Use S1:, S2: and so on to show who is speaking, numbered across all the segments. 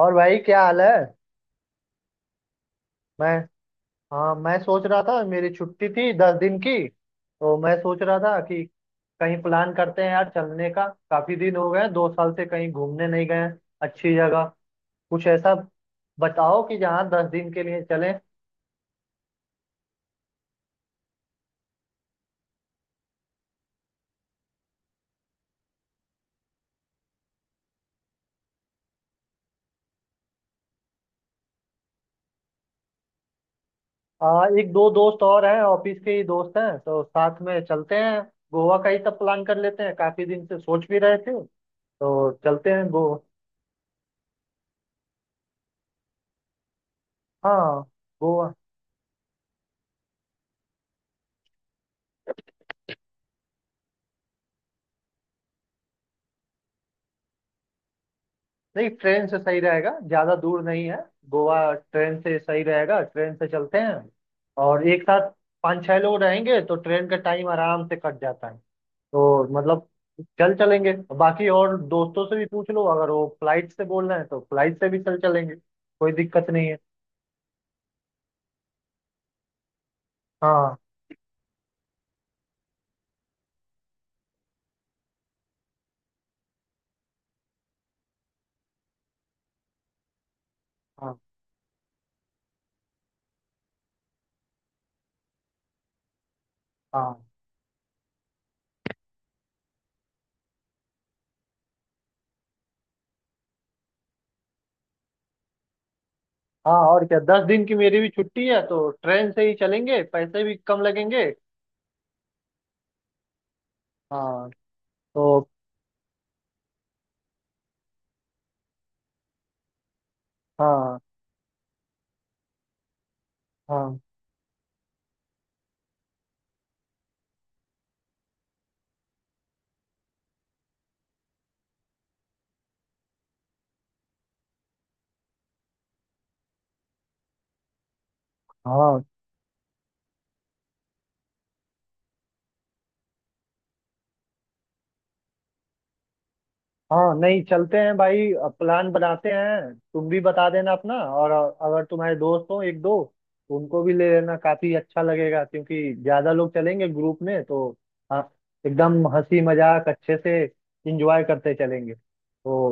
S1: और भाई, क्या हाल है? मैं हाँ, मैं सोच रहा था, मेरी छुट्टी थी 10 दिन की, तो मैं सोच रहा था कि कहीं प्लान करते हैं यार चलने का। काफी दिन हो गए, 2 साल से कहीं घूमने नहीं गए हैं। अच्छी जगह कुछ ऐसा बताओ कि जहाँ 10 दिन के लिए चलें। एक दो दोस्त और हैं, ऑफिस के ही दोस्त हैं, तो साथ में चलते हैं। गोवा का ही सब प्लान कर लेते हैं, काफी दिन से सोच भी रहे थे, तो चलते हैं गो हाँ, गोवा। नहीं, ट्रेन से सही रहेगा, ज़्यादा दूर नहीं है। गोवा ट्रेन से सही रहेगा, ट्रेन से चलते हैं। और एक साथ पाँच छह लोग रहेंगे तो ट्रेन का टाइम आराम से कट जाता है। तो मतलब चल चलेंगे। बाकी और दोस्तों से भी पूछ लो, अगर वो फ्लाइट से बोल रहे हैं तो फ्लाइट से भी चल चलेंगे, कोई दिक्कत नहीं है। हाँ, हाँ। हाँ, हाँ, और क्या। 10 दिन की मेरी भी छुट्टी है, तो ट्रेन से ही चलेंगे, पैसे भी कम लगेंगे। हाँ। तो हाँ, हाँ। हाँ, हाँ नहीं, चलते हैं भाई। प्लान बनाते हैं, तुम भी बता देना अपना। और अगर तुम्हारे दोस्त हो एक दो तो उनको भी ले लेना, काफी अच्छा लगेगा क्योंकि ज्यादा लोग चलेंगे ग्रुप में तो। हाँ, एकदम हंसी मजाक अच्छे से इंजॉय करते चलेंगे, तो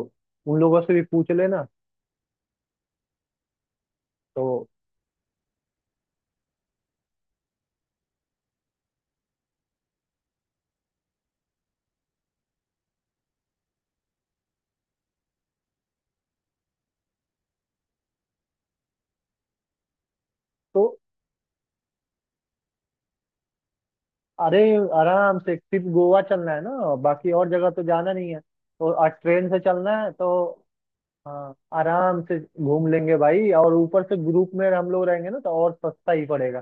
S1: उन लोगों से भी पूछ लेना। तो तो अरे, आराम से। सिर्फ गोवा चलना है ना, बाकी और जगह तो जाना नहीं है। तो आज ट्रेन से चलना है, तो हाँ आराम से घूम लेंगे भाई। और ऊपर से ग्रुप में हम लोग रहेंगे ना तो और सस्ता ही पड़ेगा।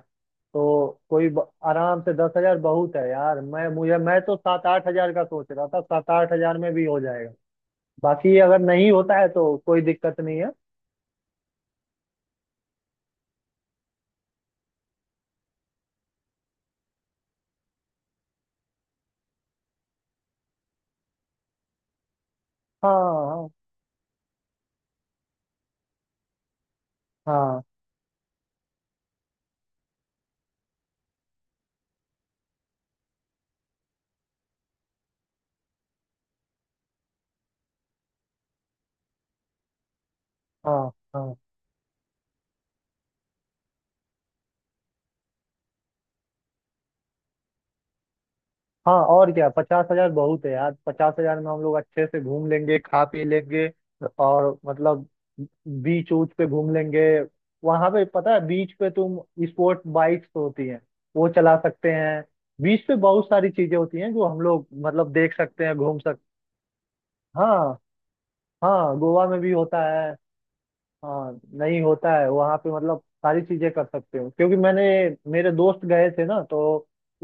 S1: तो कोई आराम से 10,000 बहुत है यार। मैं तो 7-8 हजार का सोच रहा था, 7-8 हजार में भी हो जाएगा। बाकी अगर नहीं होता है तो कोई दिक्कत नहीं है। हाँ, हाँ। हाँ, हाँ। हाँ, हाँ, और क्या। 50,000 बहुत है यार, 50,000 में हम लोग अच्छे से घूम लेंगे, खा पी लेंगे। और मतलब बीच ऊच पे घूम लेंगे। वहां पे पता है बीच पे तुम स्पोर्ट बाइक्स तो होती हैं, वो चला सकते हैं। बीच पे बहुत सारी चीजें होती हैं जो हम लोग मतलब देख सकते हैं, घूम सकते। हाँ, हाँ, गोवा में भी होता है। हाँ नहीं, होता है वहाँ पे मतलब सारी चीजें कर सकते हो क्योंकि मैंने, मेरे दोस्त गए थे ना तो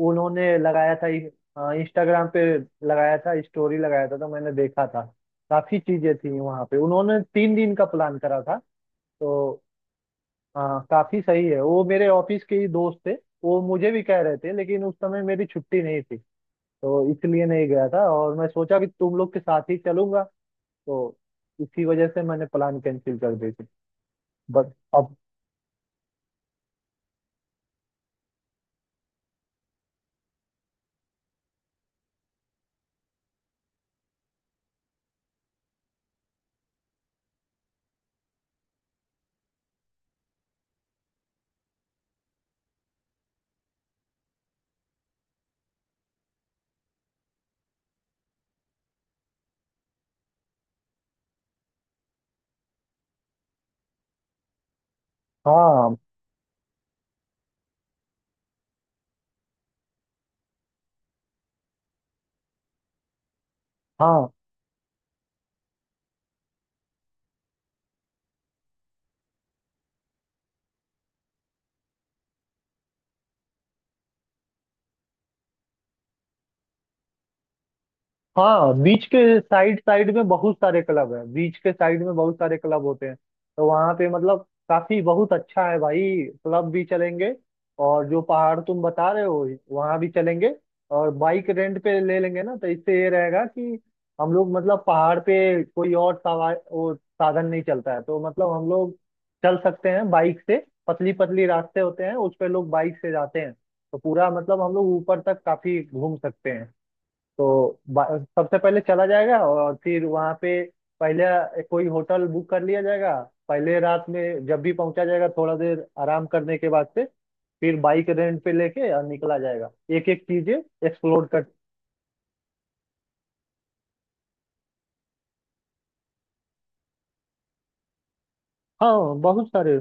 S1: उन्होंने लगाया था इंस्टाग्राम पे, लगाया था स्टोरी लगाया था, तो मैंने देखा था। काफी चीजें थी वहाँ पे, उन्होंने 3 दिन का प्लान करा था। तो हाँ, काफी सही है। वो मेरे ऑफिस के ही दोस्त थे। वो मुझे भी कह रहे थे लेकिन उस समय मेरी छुट्टी नहीं थी, तो इसलिए नहीं गया था और मैं सोचा कि तुम लोग के साथ ही चलूंगा, तो इसी वजह से मैंने प्लान कैंसिल कर दी थी। बट अब हाँ। हाँ, हाँ, बीच के साइड साइड में बहुत सारे क्लब है, बीच के साइड में बहुत सारे क्लब होते हैं, तो वहाँ पे मतलब काफी बहुत अच्छा है भाई। क्लब भी चलेंगे और जो पहाड़ तुम बता रहे हो वहाँ भी चलेंगे। और बाइक रेंट पे ले लेंगे ना, तो इससे ये रहेगा कि हम लोग मतलब पहाड़ पे कोई और सवार वो साधन नहीं चलता है, तो मतलब हम लोग चल सकते हैं बाइक से। पतली पतली रास्ते होते हैं, उस पे लोग बाइक से जाते हैं, तो पूरा मतलब हम लोग ऊपर तक काफी घूम सकते हैं। तो बा- सबसे पहले चला जाएगा और फिर वहाँ पे पहले कोई होटल बुक कर लिया जाएगा। पहले रात में जब भी पहुंचा जाएगा, थोड़ा देर आराम करने के बाद से फिर बाइक रेंट पे लेके और निकला जाएगा, एक एक चीजें एक्सप्लोर कर। हाँ, बहुत सारे।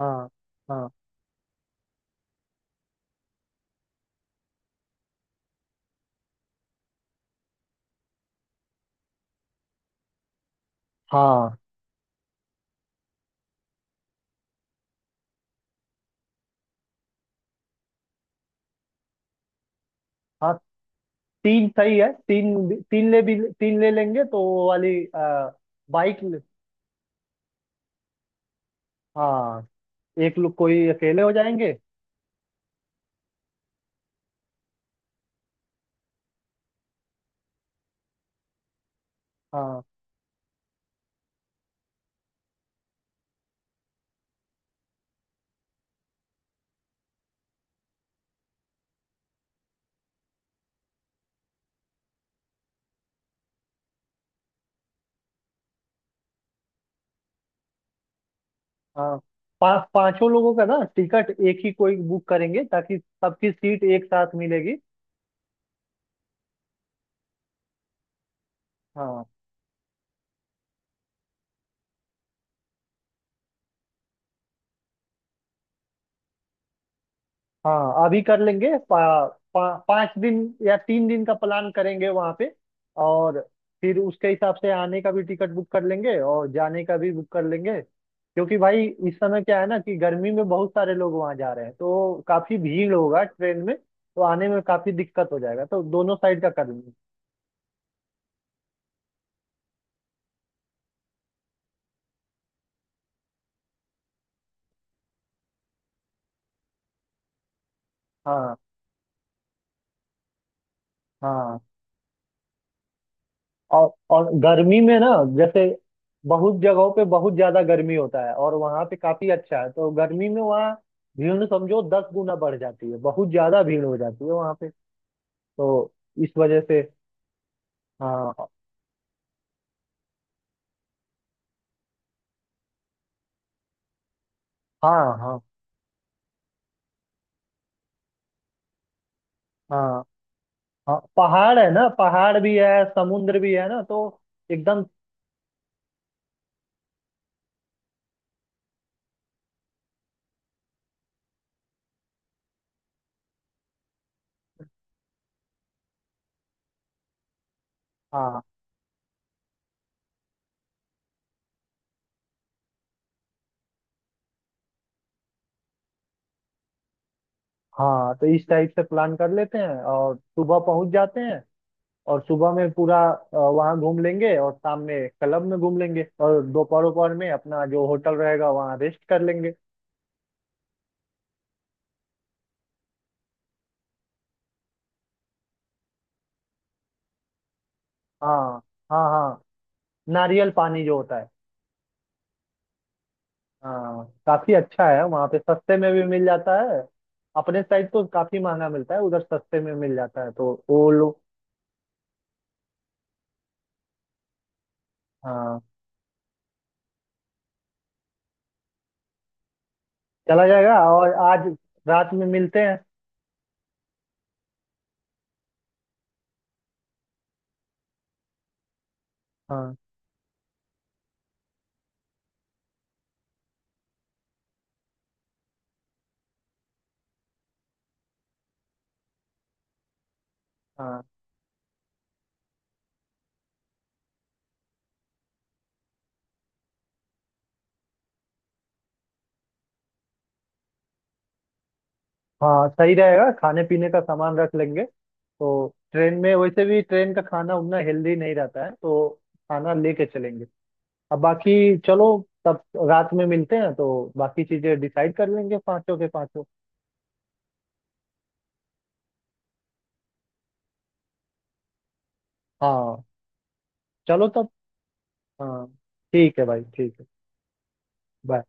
S1: हाँ, हाँ। हाँ, हाँ, तीन सही है। तीन भी तीन ले लेंगे तो वो वाली बाइक। हाँ, एक लोग कोई अकेले हो जाएंगे। हाँ, हाँ, पांचों लोगों का ना टिकट एक ही कोई बुक करेंगे, ताकि सबकी सीट एक साथ मिलेगी। हाँ, हाँ, अभी कर लेंगे। पा, पा, पाँच दिन या 3 दिन का प्लान करेंगे वहाँ पे, और फिर उसके हिसाब से आने का भी टिकट बुक कर लेंगे और जाने का भी बुक कर लेंगे क्योंकि भाई इस समय क्या है ना कि गर्मी में बहुत सारे लोग वहाँ जा रहे हैं, तो काफी भीड़ होगा ट्रेन में। तो आने में काफी दिक्कत हो जाएगा तो दोनों साइड का कर लेंगे। हाँ, हाँ। और और गर्मी में ना, जैसे बहुत जगहों पे बहुत ज्यादा गर्मी होता है और वहां पे काफी अच्छा है, तो गर्मी में वहाँ भीड़ समझो 10 गुना बढ़ जाती है, बहुत ज्यादा भीड़ हो जाती है वहां पे। तो इस वजह से हाँ। हाँ, हाँ। हाँ, हाँ पहाड़ है ना, पहाड़ भी है, समुद्र भी है ना, तो एकदम। हाँ, हाँ, तो इस टाइप से प्लान कर लेते हैं और सुबह पहुंच जाते हैं, और सुबह में पूरा वहाँ घूम लेंगे, और शाम में क्लब में घूम लेंगे, और दोपहर दोपहर में अपना जो होटल रहेगा वहाँ रेस्ट कर लेंगे। हाँ, हाँ। हाँ, नारियल पानी जो होता है। हाँ, काफी अच्छा है वहाँ पे सस्ते में भी मिल जाता है। अपने साइड तो काफी महंगा मिलता है, उधर सस्ते में मिल जाता है तो वो लोग। हाँ, चला जाएगा। और आज रात में मिलते हैं। हाँ, हाँ। हाँ, सही रहेगा, खाने पीने का सामान रख लेंगे तो, ट्रेन में वैसे भी ट्रेन का खाना उतना हेल्दी नहीं रहता है, तो खाना लेके चलेंगे। अब बाकी चलो, तब रात में मिलते हैं तो बाकी चीजें डिसाइड कर लेंगे पांचों के पांचों। हाँ, चलो तब। हाँ, ठीक है भाई, ठीक है। बाय।